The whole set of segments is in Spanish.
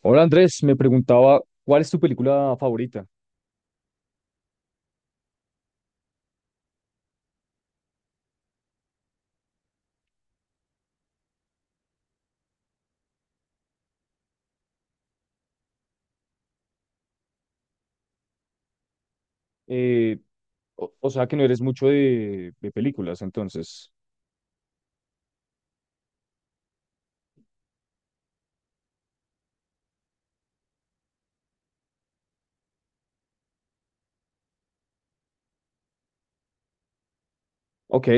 Hola, Andrés, me preguntaba cuál es tu película favorita. Eh, o sea que no eres mucho de películas, entonces. Ok,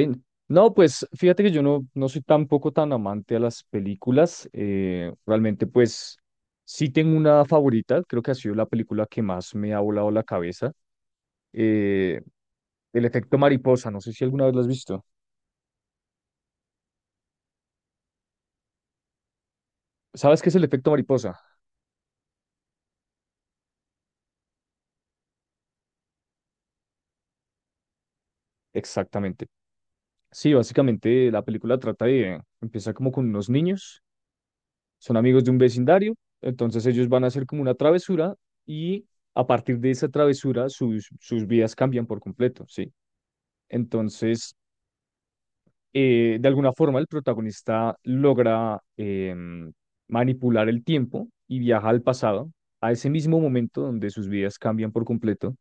no, pues fíjate que yo no soy tampoco tan amante a las películas. Realmente pues sí tengo una favorita, creo que ha sido la película que más me ha volado la cabeza. eh, El efecto mariposa, no sé si alguna vez la has visto. ¿Sabes qué es el efecto mariposa? Exactamente. Sí, básicamente la película trata de, empieza como con unos niños. Son amigos de un vecindario, entonces ellos van a hacer como una travesura y a partir de esa travesura sus vidas cambian por completo, ¿sí? Entonces, de alguna forma el protagonista logra em, manipular el tiempo y viaja al pasado, a ese mismo momento donde sus vidas cambian por completo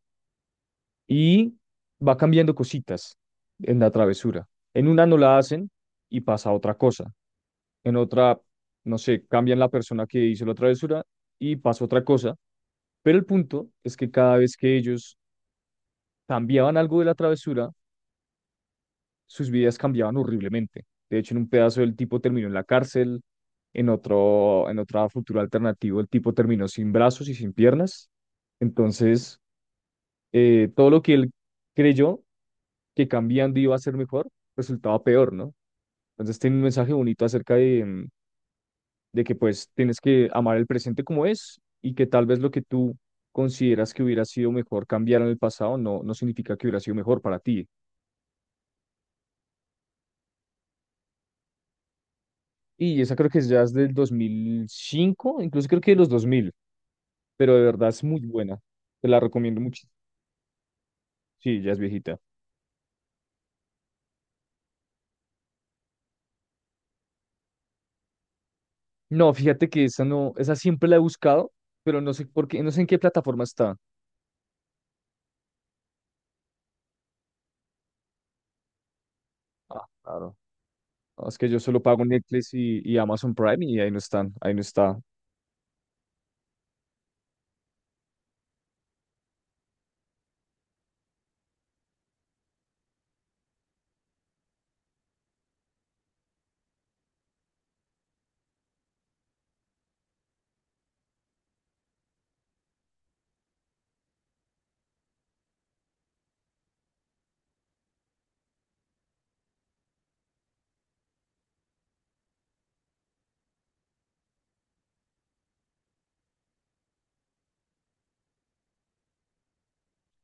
y va cambiando cositas en la travesura. En una no la hacen y pasa otra cosa. En otra, no sé, cambian la persona que hizo la travesura y pasa otra cosa. Pero el punto es que cada vez que ellos cambiaban algo de la travesura, sus vidas cambiaban horriblemente. De hecho, en un pedazo el tipo terminó en la cárcel, en otro, en otra futura alternativa el tipo terminó sin brazos y sin piernas. Entonces, todo lo que él creyó que cambiando iba a ser mejor, resultaba peor, ¿no? Entonces tiene un mensaje bonito acerca de, de que pues tienes que amar el presente como es y que tal vez lo que tú consideras que hubiera sido mejor cambiar en el pasado no significa que hubiera sido mejor para ti. Y esa creo que es, ya es del 2005, incluso creo que de los 2000, pero de verdad es muy buena. Te la recomiendo mucho. Sí, ya es viejita. No, fíjate que esa no, esa siempre la he buscado, pero no sé por qué, no sé en qué plataforma está. Ah, claro. No, es que yo solo pago Netflix y Amazon Prime y ahí no están, ahí no está.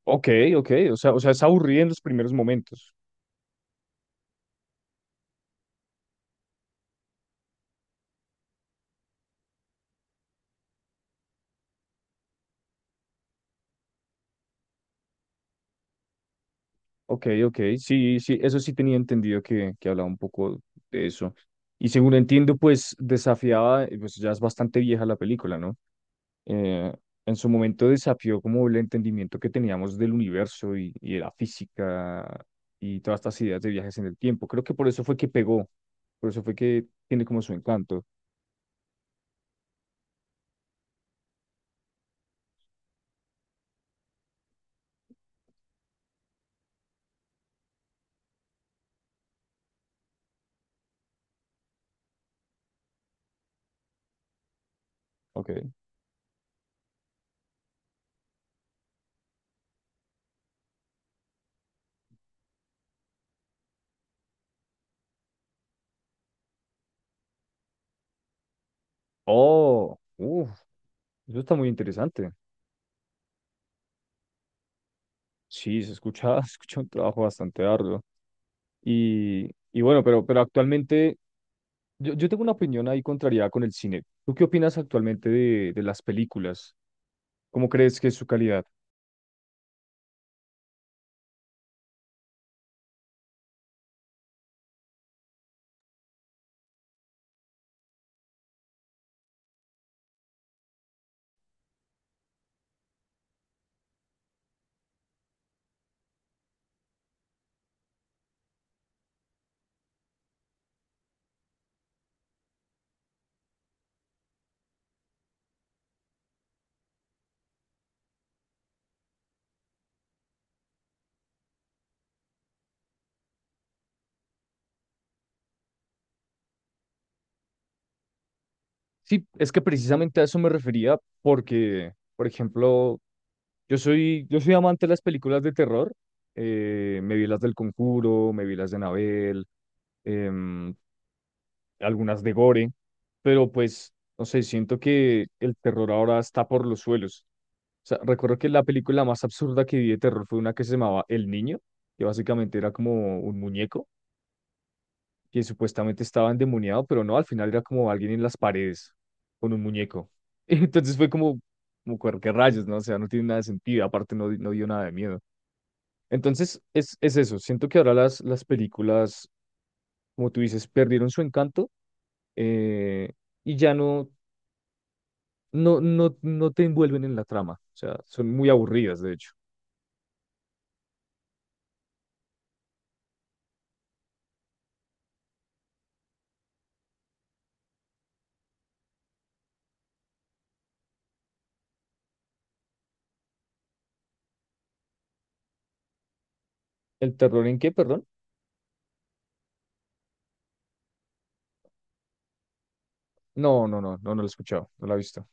Ok, ok, o sea, es aburrida en los primeros momentos. Ok, ok, sí, sí, eso sí tenía entendido que hablaba un poco de eso. Y según entiendo, pues desafiaba, pues ya es bastante vieja la película, ¿no? Eh, en su momento desafió como el entendimiento que teníamos del universo y de la física y todas estas ideas de viajes en el tiempo. Creo que por eso fue que pegó, por eso fue que tiene como su encanto. Ok. Oh, uff, eso está muy interesante. Sí, se escucha, se escucha un trabajo bastante arduo. Y bueno, pero actualmente yo tengo una opinión ahí contraria con el cine. ¿Tú qué opinas actualmente de las películas? ¿Cómo crees que es su calidad? Sí, es que precisamente a eso me refería porque, por ejemplo, yo soy amante de las películas de terror. Me vi las del Conjuro, me vi las de Anabel, em, algunas de Gore, pero pues, no sé, siento que el terror ahora está por los suelos. O sea, recuerdo que la película más absurda que vi de terror fue una que se llamaba El Niño, que básicamente era como un muñeco que supuestamente estaba endemoniado, pero no, al final era como alguien en las paredes con un muñeco. Entonces fue como, como qué rayos", ¿no? O sea, no tiene nada de sentido, aparte no, no dio nada de miedo. Entonces es eso, siento que ahora las películas, como tú dices, perdieron su encanto, eh, y ya no, no te envuelven en la trama, o sea, son muy aburridas, de hecho. ¿El terror en qué, perdón? No, lo he escuchado, no la he visto.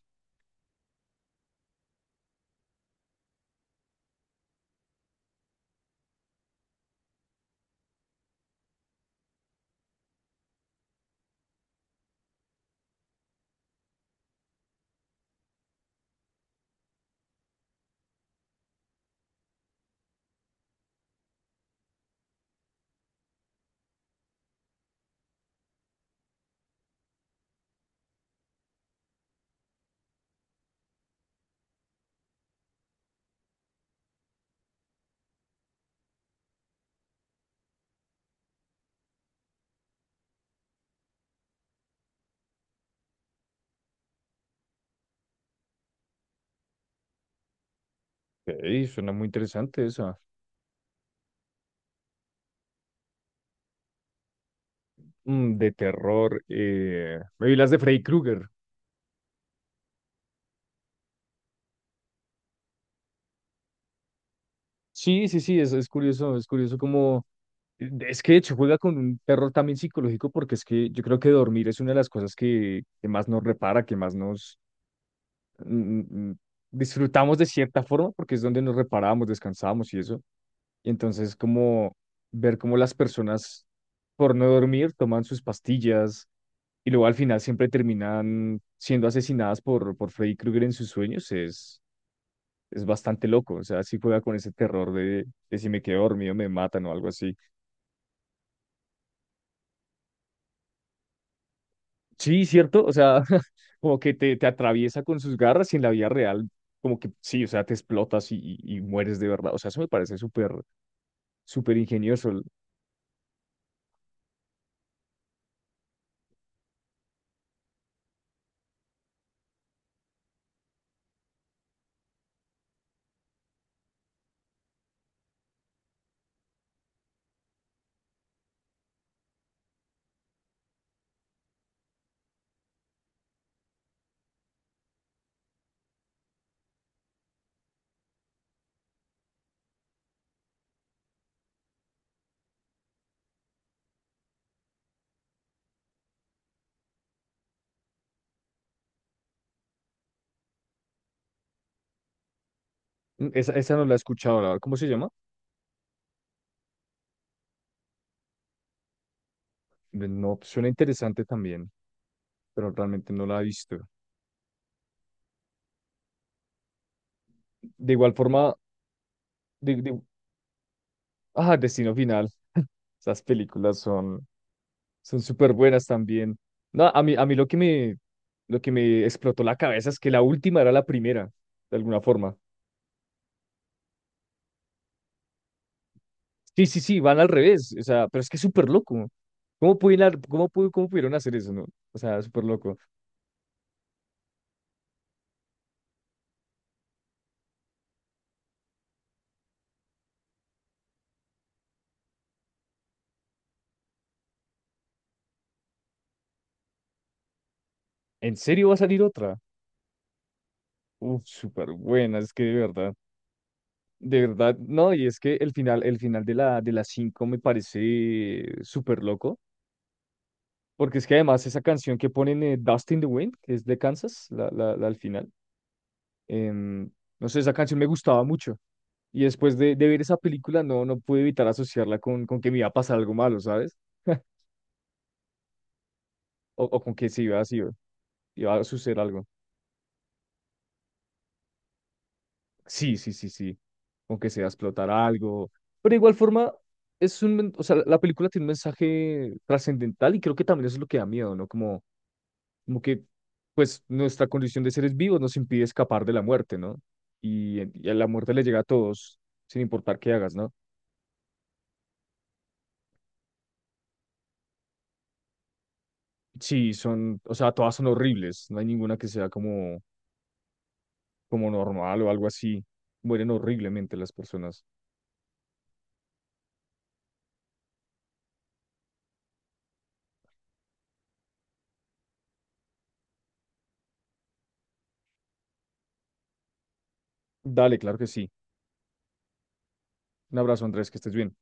Ok, suena muy interesante esa. Mm, de terror. Me vi las de Freddy Krueger. Sí, sí, sí, es curioso como... Es que de hecho juega con un terror también psicológico porque es que yo creo que dormir es una de las cosas que más nos repara, que más nos, mm, mm, disfrutamos de cierta forma porque es donde nos reparábamos, descansábamos y eso. Y entonces como ver cómo las personas por no dormir toman sus pastillas y luego al final siempre terminan siendo asesinadas por Freddy Krueger en sus sueños es bastante loco. O sea, sí juega con ese terror de si me quedo dormido me matan o algo así. Sí, cierto. O sea, como que te atraviesa con sus garras y en la vida real. Como que sí, o sea, te explotas y mueres de verdad. O sea, eso me parece súper, súper ingenioso. Mm, esa no la he escuchado, la verdad. ¿Cómo se llama? No, suena interesante también, pero realmente no la he visto. De igual forma, de, de- ah, Destino Final. Esas películas son, son súper buenas también. No, a mí lo que me explotó la cabeza es que la última era la primera, de alguna forma. Sí, sí, sí, van al revés. O sea, pero es que es súper loco. ¿Cómo pudieron, cómo, cómo pudieron hacer eso, no? O sea, súper loco. ¿En serio va a salir otra? Uf, súper buena, es que de verdad. De verdad, no, y es que el final de la, de las 5 me parece súper loco, porque es que además esa canción que ponen, Dust in the Wind, que es de Kansas, la al final, em, no sé, esa canción me gustaba mucho. Y después de ver esa película, no, no pude evitar asociarla con que me iba a pasar algo malo, ¿sabes? O, o con que se iba, se iba iba a suceder algo. Sí, sí, sí, sí. Aunque sea explotar algo. Pero de igual forma, es un, o sea, la película tiene un mensaje trascendental y creo que también eso es lo que da miedo, ¿no? Como, como que, pues, nuestra condición de seres vivos nos impide escapar de la muerte, ¿no? Y a la muerte le llega a todos, sin importar qué hagas, ¿no? Sí, son, o sea, todas son horribles. No hay ninguna que sea como, como normal o algo así. Mueren horriblemente las personas. Dale, claro que sí. Un abrazo, Andrés, que estés bien.